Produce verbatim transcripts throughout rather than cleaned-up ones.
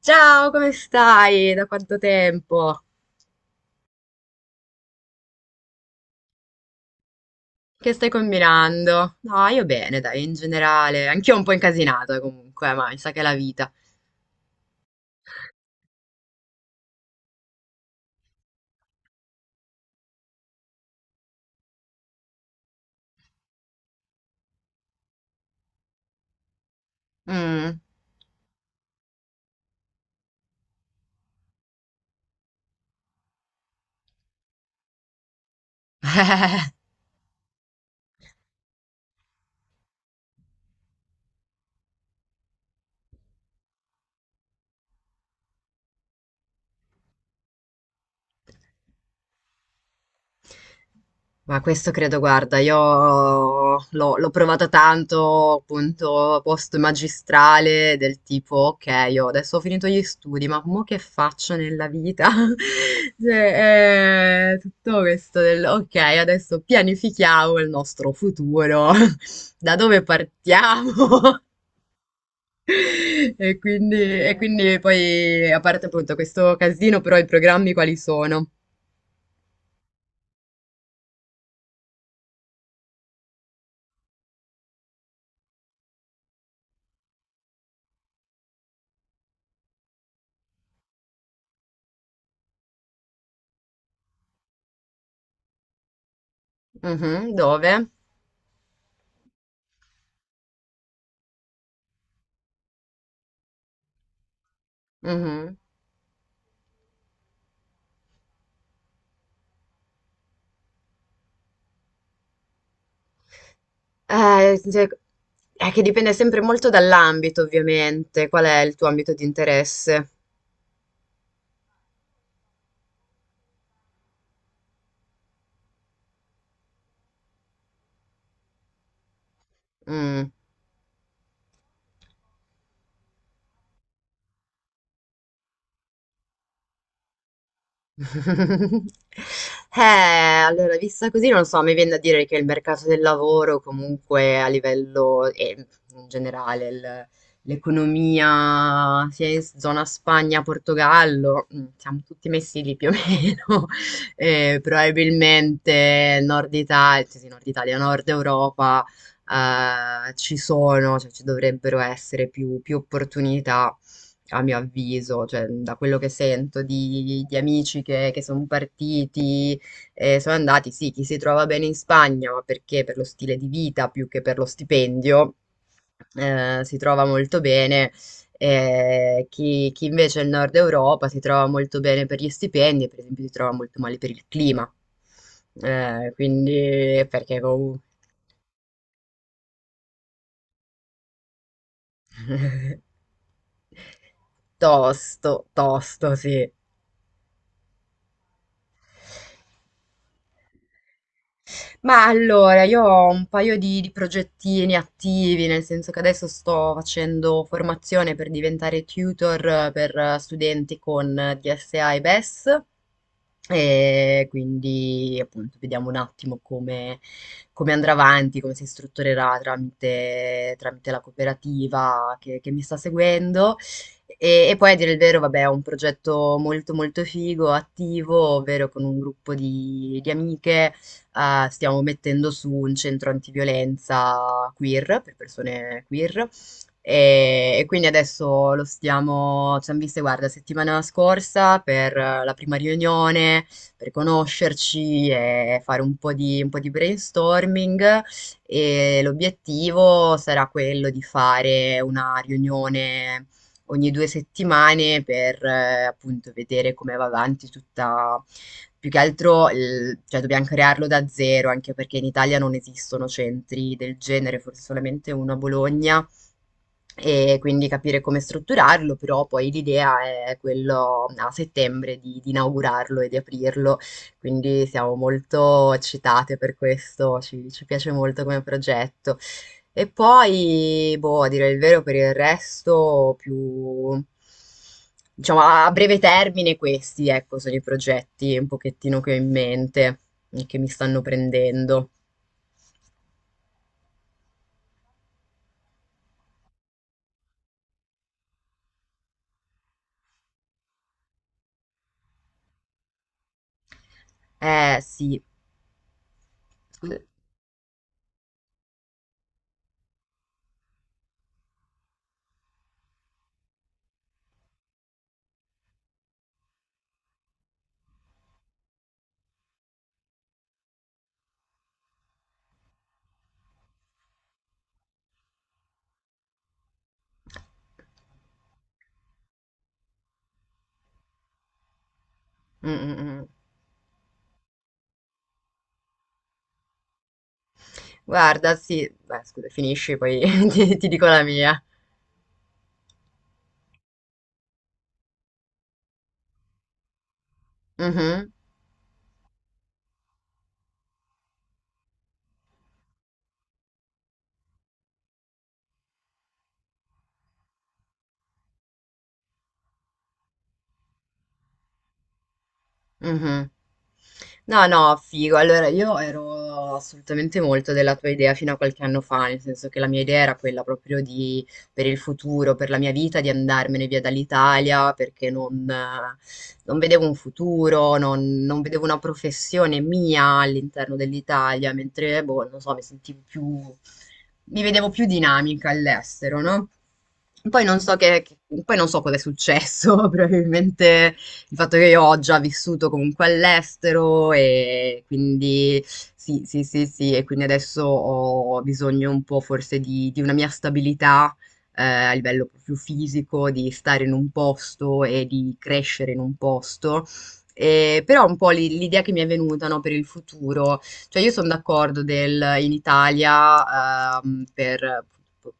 Ciao, come stai? Da quanto tempo? Che stai combinando? No, io bene, dai, in generale. Anch'io un po' incasinato comunque, ma mi sa che è la vita. Mm. Ma questo credo, guarda, io l'ho l'ho provata tanto, appunto, post magistrale, del tipo, ok, io adesso ho finito gli studi, ma mo che faccio nella vita? Cioè, eh, tutto questo del, ok, adesso pianifichiamo il nostro futuro, da dove partiamo? E quindi, e quindi poi, a parte appunto questo casino, però i programmi quali sono? Mhm, dove? Mhm. Eh, cioè, è che dipende sempre molto dall'ambito, ovviamente. Qual è il tuo ambito di interesse? Mm. Eh, allora, vista così, non so, mi viene da dire che il mercato del lavoro, comunque a livello eh, in generale, il- l'economia sia in zona Spagna, Portogallo, mm, siamo tutti messi lì più o meno. Eh, probabilmente Nord Italia, sì, sì, Nord Italia, Nord Europa, eh, ci sono, cioè ci dovrebbero essere più più opportunità a mio avviso, cioè da quello che sento di, di amici che, che sono partiti, eh, sono andati, sì, chi si trova bene in Spagna, ma perché per lo stile di vita più che per lo stipendio, eh, si trova molto bene. eh, chi, chi invece è in Nord Europa si trova molto bene per gli stipendi, e per esempio si trova molto male per il clima. Eh, quindi perché comunque tosto, tosto, sì. Ma allora, io ho un paio di, di progettini attivi, nel senso che adesso sto facendo formazione per diventare tutor eh, per eh, studenti con eh, D S A e B E S. E S. E quindi appunto vediamo un attimo come, come, andrà avanti, come si strutturerà tramite, tramite la cooperativa che, che mi sta seguendo. E, e poi a dire il vero, vabbè, è un progetto molto molto figo, attivo, ovvero con un gruppo di di amiche eh, stiamo mettendo su un centro antiviolenza queer, per persone queer, e, e quindi adesso lo stiamo, ci hanno viste, guarda, settimana scorsa per eh, la prima riunione, per conoscerci e fare un po' di, un po' di brainstorming e l'obiettivo sarà quello di fare una riunione ogni due settimane per eh, appunto vedere come va avanti tutta più che altro, il- cioè, dobbiamo crearlo da zero, anche perché in Italia non esistono centri del genere, forse solamente uno a Bologna e quindi capire come strutturarlo, però poi l'idea è quello a settembre di, di inaugurarlo e di aprirlo, quindi siamo molto eccitate per questo, ci, ci piace molto come progetto. E poi, boh, a dire il vero, per il resto più. Diciamo, a breve termine questi, ecco, sono i progetti un pochettino che ho in mente e che mi stanno prendendo. Eh sì. Mm, mm, mm. Guarda, sì, beh, scusa, finisci, poi ti, ti dico la mia. Mhm. Mhm. No, no, figo. Allora, io ero assolutamente molto della tua idea fino a qualche anno fa, nel senso che la mia idea era quella proprio di, per il futuro, per la mia vita, di andarmene via dall'Italia perché non, eh, non vedevo un futuro, non, non vedevo una professione mia all'interno dell'Italia, mentre, boh, non so, mi sentivo più, mi vedevo più dinamica all'estero, no? Poi non so che, che- poi non so cosa è successo, probabilmente il fatto che io ho già vissuto comunque all'estero e quindi sì, sì, sì, sì, e quindi adesso ho bisogno un po' forse di, di una mia stabilità eh, a livello più fisico, di stare in un posto e di crescere in un posto. E però un po' l'i- l'idea che mi è venuta, no, per il futuro, cioè io sono d'accordo del in Italia ehm, per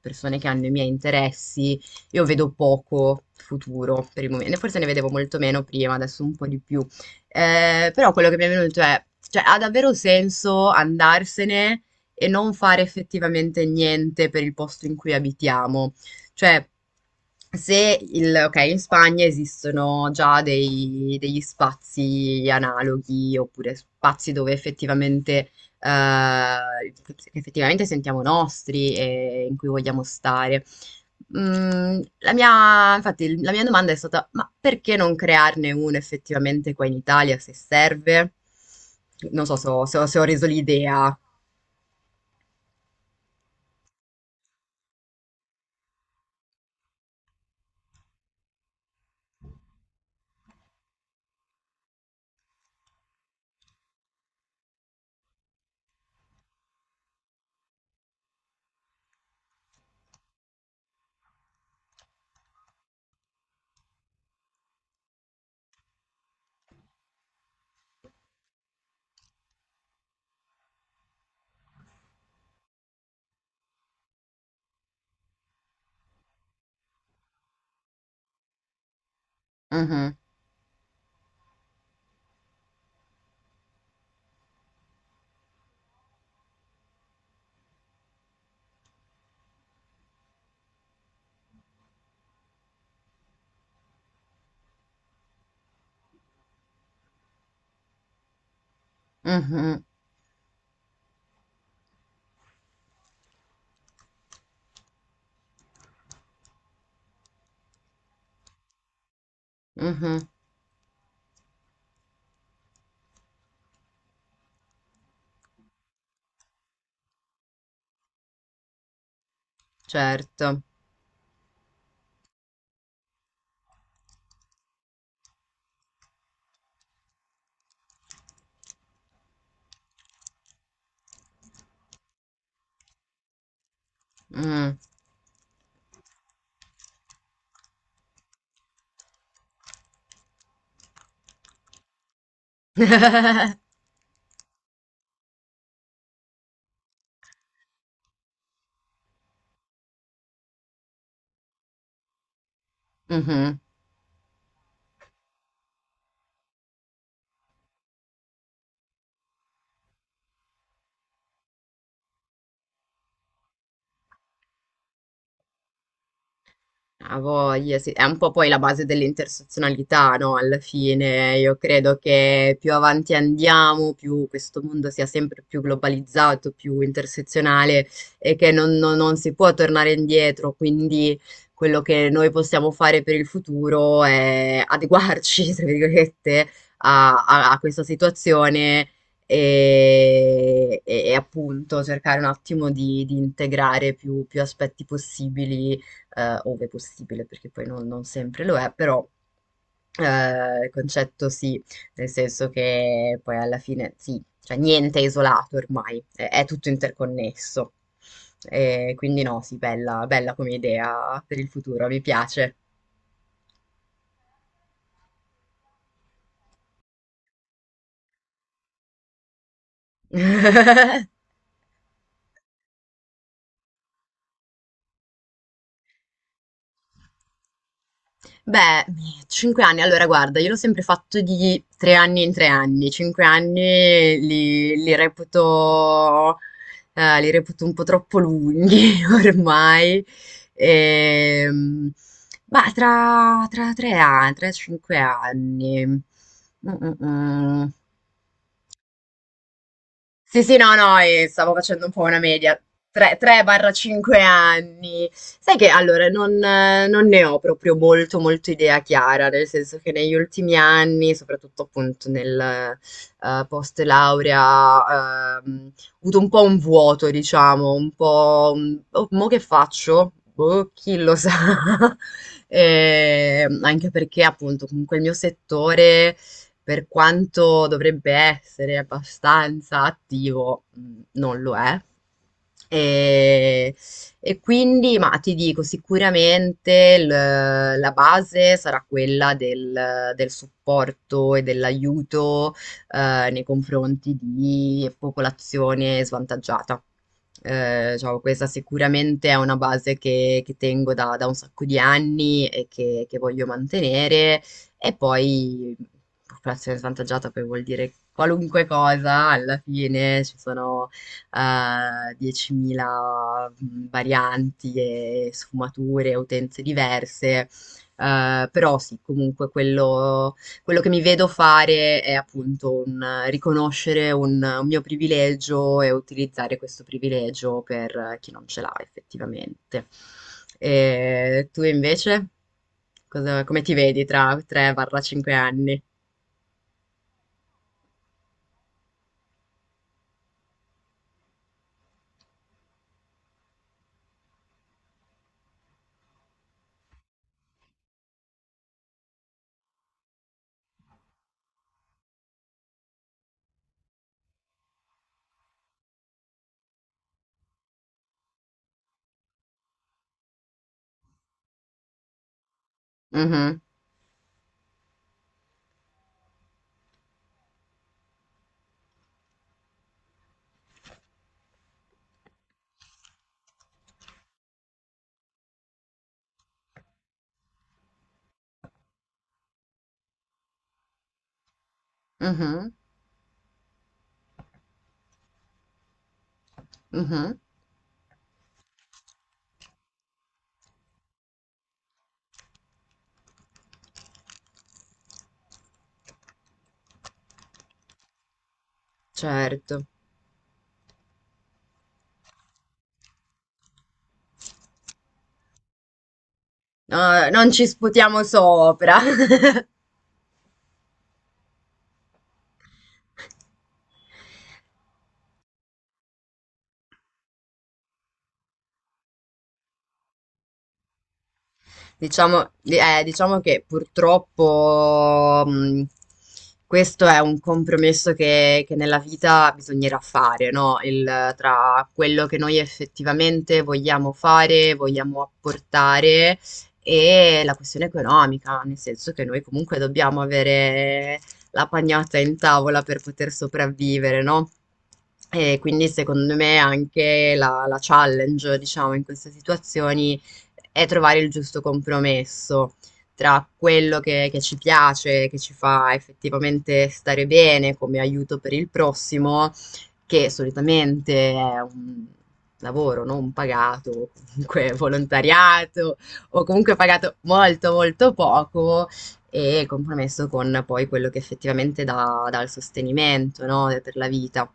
persone che hanno i miei interessi, io vedo poco futuro per il momento, forse ne vedevo molto meno prima, adesso un po' di più. Eh, però quello che mi è venuto è, cioè, ha davvero senso andarsene e non fare effettivamente niente per il posto in cui abitiamo? Cioè, se il, ok, in Spagna esistono già dei- degli spazi analoghi oppure spazi dove effettivamente, eh, che effettivamente sentiamo nostri e in cui vogliamo stare. Mhmm, la mia infatti il la mia domanda è stata: ma perché non crearne uno effettivamente qua in Italia se serve? Non so se ho se ho se ho reso l'idea. Mh-mh, mh-mh, mh-mh, certo. Mh, mh-mh. A voglia, sì. È un po' poi la base dell'intersezionalità, no? Alla fine, io credo che più avanti andiamo, più questo mondo sia sempre più globalizzato, più intersezionale e che non, non- non si può tornare indietro. Quindi quello che noi possiamo fare per il futuro è adeguarci, tra virgolette, a, a- a questa situazione e, e- e appunto cercare un attimo di, di integrare più più aspetti possibili eh, ove possibile, perché poi non, non sempre lo è, però eh, il concetto sì, nel senso che poi alla fine sì, cioè niente è isolato ormai, è, è tutto interconnesso. E quindi no, sì, bella, bella come idea per il futuro, mi piace. Beh, cinque anni, allora guarda, io l'ho sempre fatto di tre anni in tre anni, cinque anni li, li reputo, eh, li reputo un po' troppo lunghi ormai. Ehm, ma tra, tra tre anni, tre, cinque anni. Mm, mm, mm. Sì, sì, no, no, e stavo facendo un po' una media. dai tre ai cinque anni. Sai che allora non, eh, non ne ho proprio molto, molto idea chiara, nel senso che negli ultimi anni, soprattutto appunto nel eh, post laurea, ehm, ho avuto un po' un vuoto, diciamo, un po'... un- "Oh, mo che faccio? Boh, chi lo sa? E anche perché appunto comunque il mio settore per quanto dovrebbe essere abbastanza attivo, mhmm, non lo è. E e quindi ma ti dico, sicuramente l la base sarà quella del del supporto e dell'aiuto, ehm, nei confronti di popolazione svantaggiata. Ehm, diciamo questa sicuramente è una base che che tengo da da un sacco di anni e che che voglio mantenere e poi popolazione svantaggiata poi vuol dire qualunque cosa, alla fine ci sono eh, diecimila varianti e sfumature, utenze diverse, eh, però sì, comunque quello quello che mi vedo fare è appunto un eh, riconoscere un un mio privilegio e utilizzare questo privilegio per eh, chi non ce l'ha effettivamente. E tu invece? Cosa- come ti vedi tra dai tre ai cinque anni? Mhm, mhm, mhm, certo. No, non ci sputiamo sopra. Diciamo, eh, diciamo che purtroppo mh, questo è un compromesso che, che nella vita bisognerà fare, no? Il- tra quello che noi effettivamente vogliamo fare, vogliamo apportare e la questione economica, nel senso che noi comunque dobbiamo avere la pagnotta in tavola per poter sopravvivere, no? E quindi secondo me anche la, la challenge, diciamo, in queste situazioni è trovare il giusto compromesso tra quello che che ci piace, che ci fa effettivamente stare bene come aiuto per il prossimo, che solitamente è un lavoro non pagato, o comunque volontariato, o comunque pagato molto, molto poco, e il compromesso con poi quello che effettivamente dà dà il sostenimento, no, per la vita.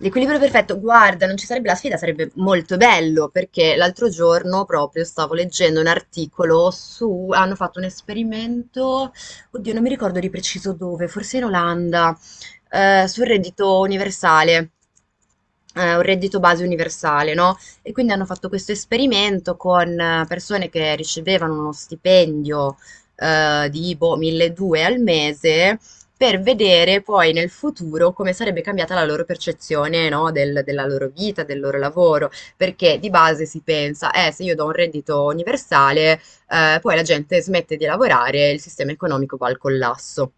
L'equilibrio perfetto, guarda, non ci sarebbe la sfida, sarebbe molto bello perché l'altro giorno proprio stavo leggendo un articolo su, hanno fatto un esperimento, oddio, non mi ricordo di preciso dove, forse in Olanda, eh, sul reddito universale, eh, un reddito base universale, no? E quindi hanno fatto questo esperimento con eh, persone che ricevevano uno stipendio eh, di boh, milleduecento al mese per vedere poi nel futuro come sarebbe cambiata la loro percezione, no, del- della loro vita, del loro lavoro, perché di base si pensa, eh, se io do un reddito universale, eh, poi la gente smette di lavorare e il sistema economico va al collasso.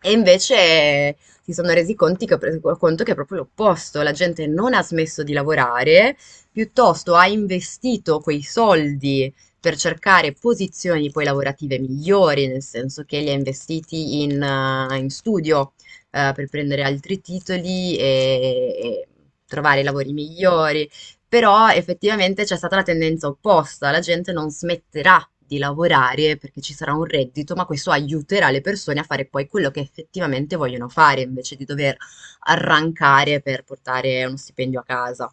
E invece si sono resi conti che, conto che è proprio l'opposto, la gente non ha smesso di lavorare, piuttosto ha investito quei soldi per cercare posizioni poi lavorative migliori, nel senso che li ha investiti in, eh, in studio eh, per prendere altri titoli e, e trovare lavori migliori. Però effettivamente c'è stata la tendenza opposta, la gente non smetterà di lavorare perché ci sarà un reddito, ma questo aiuterà le persone a fare poi quello che effettivamente vogliono fare, invece di dover arrancare per portare uno stipendio a casa.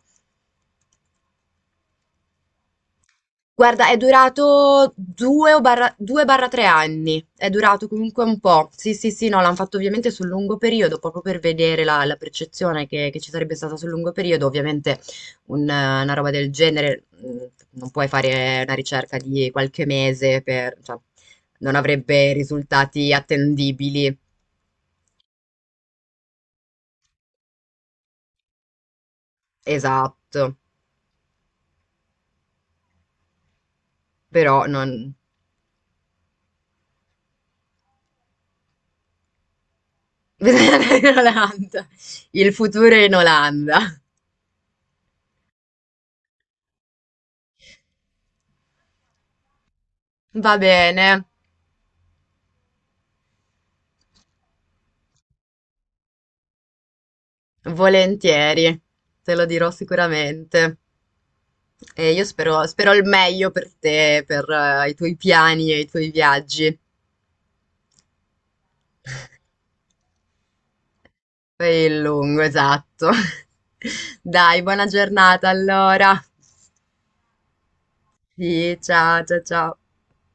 Guarda, è durato due o barra, due barra tre anni, è durato comunque un po'. Sì, sì, sì, no, l'hanno fatto ovviamente sul lungo periodo, proprio per vedere la, la percezione che, che ci sarebbe stata sul lungo periodo. Ovviamente un, eh, una roba del genere, mh, non puoi fare una ricerca di qualche mese per, cioè, non avrebbe risultati attendibili. Esatto, però non. Bisogna andare in Olanda. Il futuro è in Olanda. Va bene. Volentieri, te lo dirò sicuramente. E io spero, spero, il meglio per te, per eh, i tuoi piani e i tuoi viaggi. Per il lungo, esatto. Dai, buona giornata allora. Sì, ciao, ciao, ciao.